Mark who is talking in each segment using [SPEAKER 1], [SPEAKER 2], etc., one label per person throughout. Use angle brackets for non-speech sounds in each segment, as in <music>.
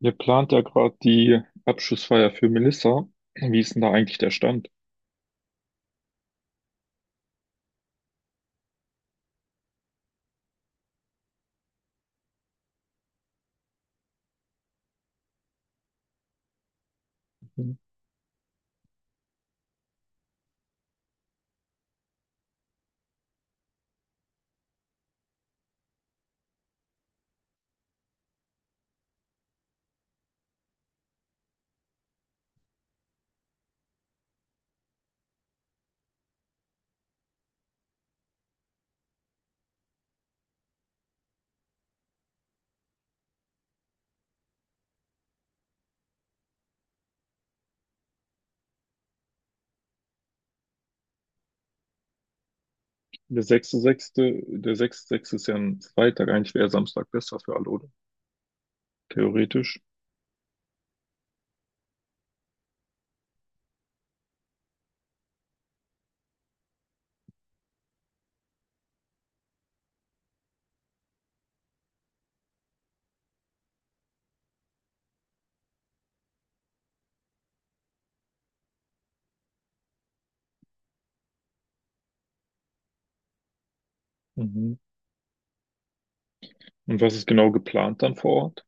[SPEAKER 1] Ihr plant ja gerade die Abschlussfeier für Melissa. Wie ist denn da eigentlich der Stand? Mhm. Der sechste, sechste ist ja ein Freitag. Eigentlich wäre Samstag besser für alle, oder? Theoretisch. Mhm. Und was ist genau geplant dann vor Ort?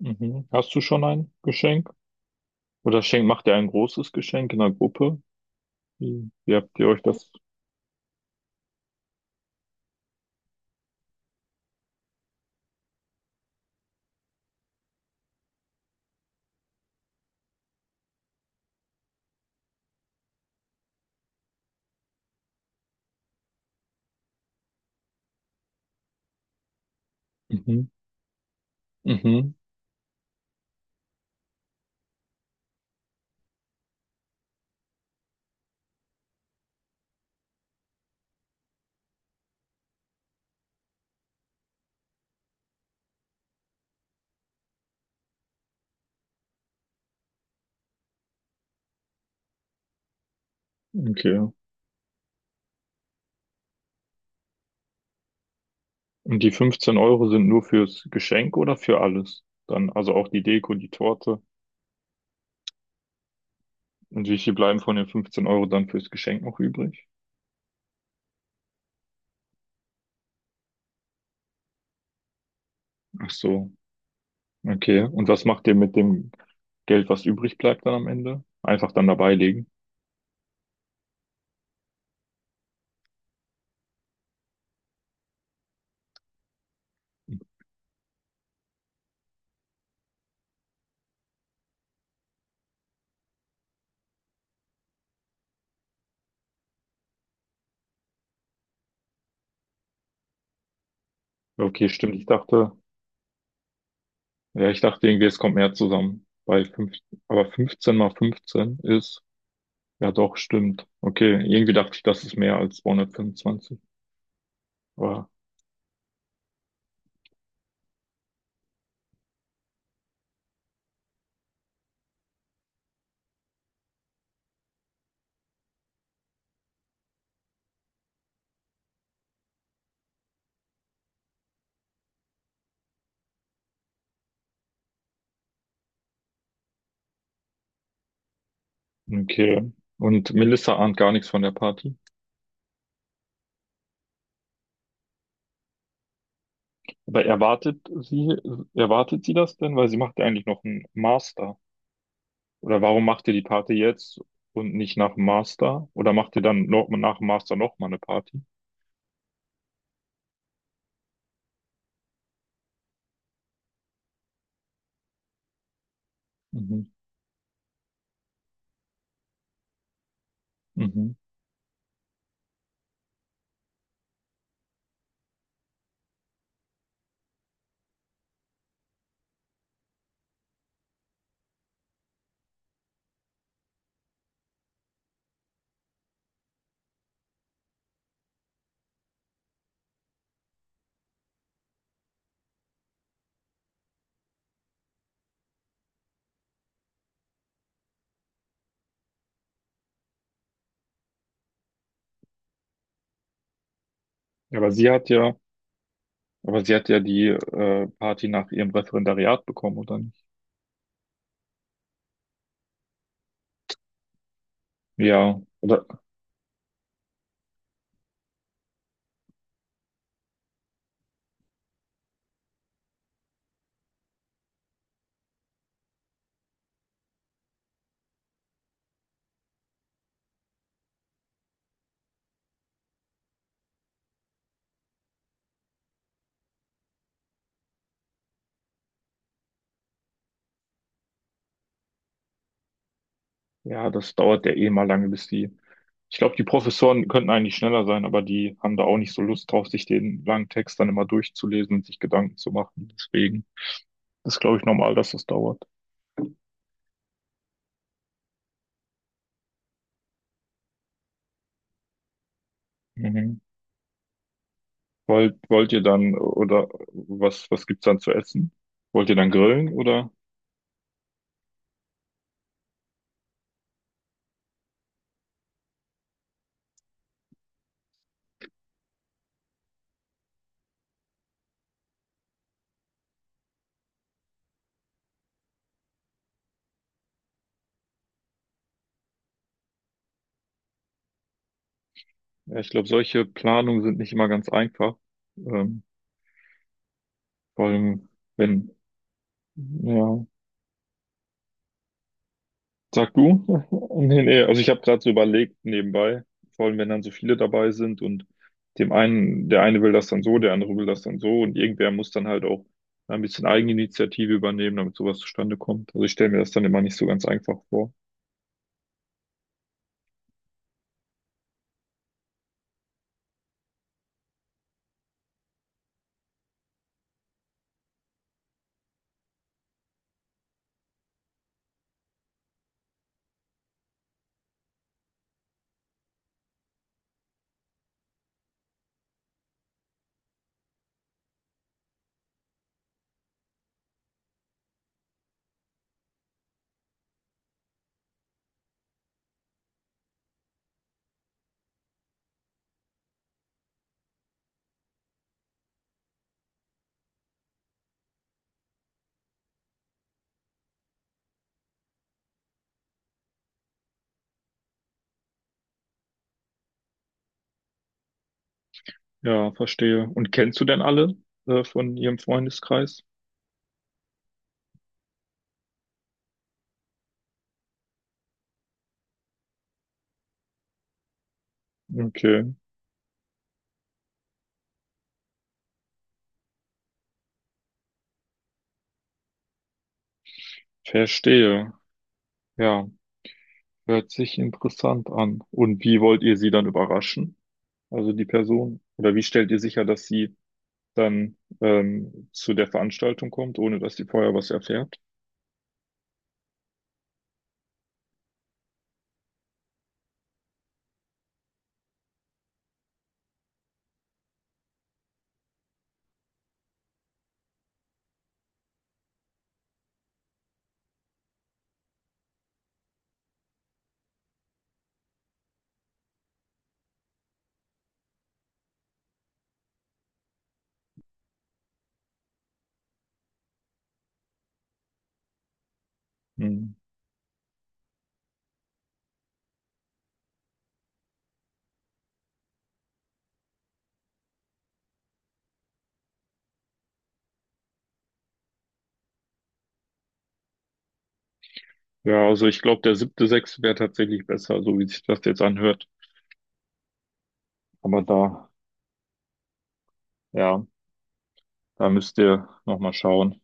[SPEAKER 1] Mhm. Hast du schon ein Geschenk? Oder macht ihr ein großes Geschenk in der Gruppe? Wie habt ihr euch das? Mhm. Mhm. Okay. Und die 15 Euro sind nur fürs Geschenk oder für alles? Dann, also auch die Deko, die Torte. Und wie viel bleiben von den 15 Euro dann fürs Geschenk noch übrig? Ach so. Okay. Und was macht ihr mit dem Geld, was übrig bleibt dann am Ende? Einfach dann dabei legen. Okay, stimmt. Ich dachte irgendwie, es kommt mehr zusammen. Bei fünf, aber 15 mal 15 ist. Ja, doch, stimmt. Okay, irgendwie dachte ich, das ist mehr als 225. Aber okay. Und Melissa ahnt gar nichts von der Party. Aber erwartet sie das denn? Weil sie macht ja eigentlich noch einen Master. Oder warum macht ihr die Party jetzt und nicht nach dem Master? Oder macht ihr dann noch nach dem Master nochmal eine Party? Mhm. Mhm. Ja, aber aber sie hat ja die Party nach ihrem Referendariat bekommen, oder nicht? Ja, oder ja, das dauert ja eh mal lange, bis die. Ich glaube, die Professoren könnten eigentlich schneller sein, aber die haben da auch nicht so Lust drauf, sich den langen Text dann immer durchzulesen und sich Gedanken zu machen. Deswegen ist, glaube ich, normal, dass das dauert. Mhm. Wollt ihr dann, oder was gibt's dann zu essen? Wollt ihr dann grillen oder? Ja, ich glaube, solche Planungen sind nicht immer ganz einfach. Ähm, vor allem, wenn, ja. Sag du? <laughs> Nee, nee. Also ich habe gerade so überlegt nebenbei, vor allem wenn dann so viele dabei sind und dem einen, der eine will das dann so, der andere will das dann so und irgendwer muss dann halt auch ein bisschen Eigeninitiative übernehmen, damit sowas zustande kommt. Also ich stelle mir das dann immer nicht so ganz einfach vor. Ja, verstehe. Und kennst du denn alle von ihrem Freundeskreis? Okay, verstehe. Ja, hört sich interessant an. Und wie wollt ihr sie dann überraschen? Also die Person? Oder wie stellt ihr sicher, dass sie dann zu der Veranstaltung kommt, ohne dass sie vorher was erfährt? Hm. Ja, also ich glaube, der siebte, sechste wäre tatsächlich besser, so wie sich das jetzt anhört. Aber da, ja, da müsst ihr nochmal schauen.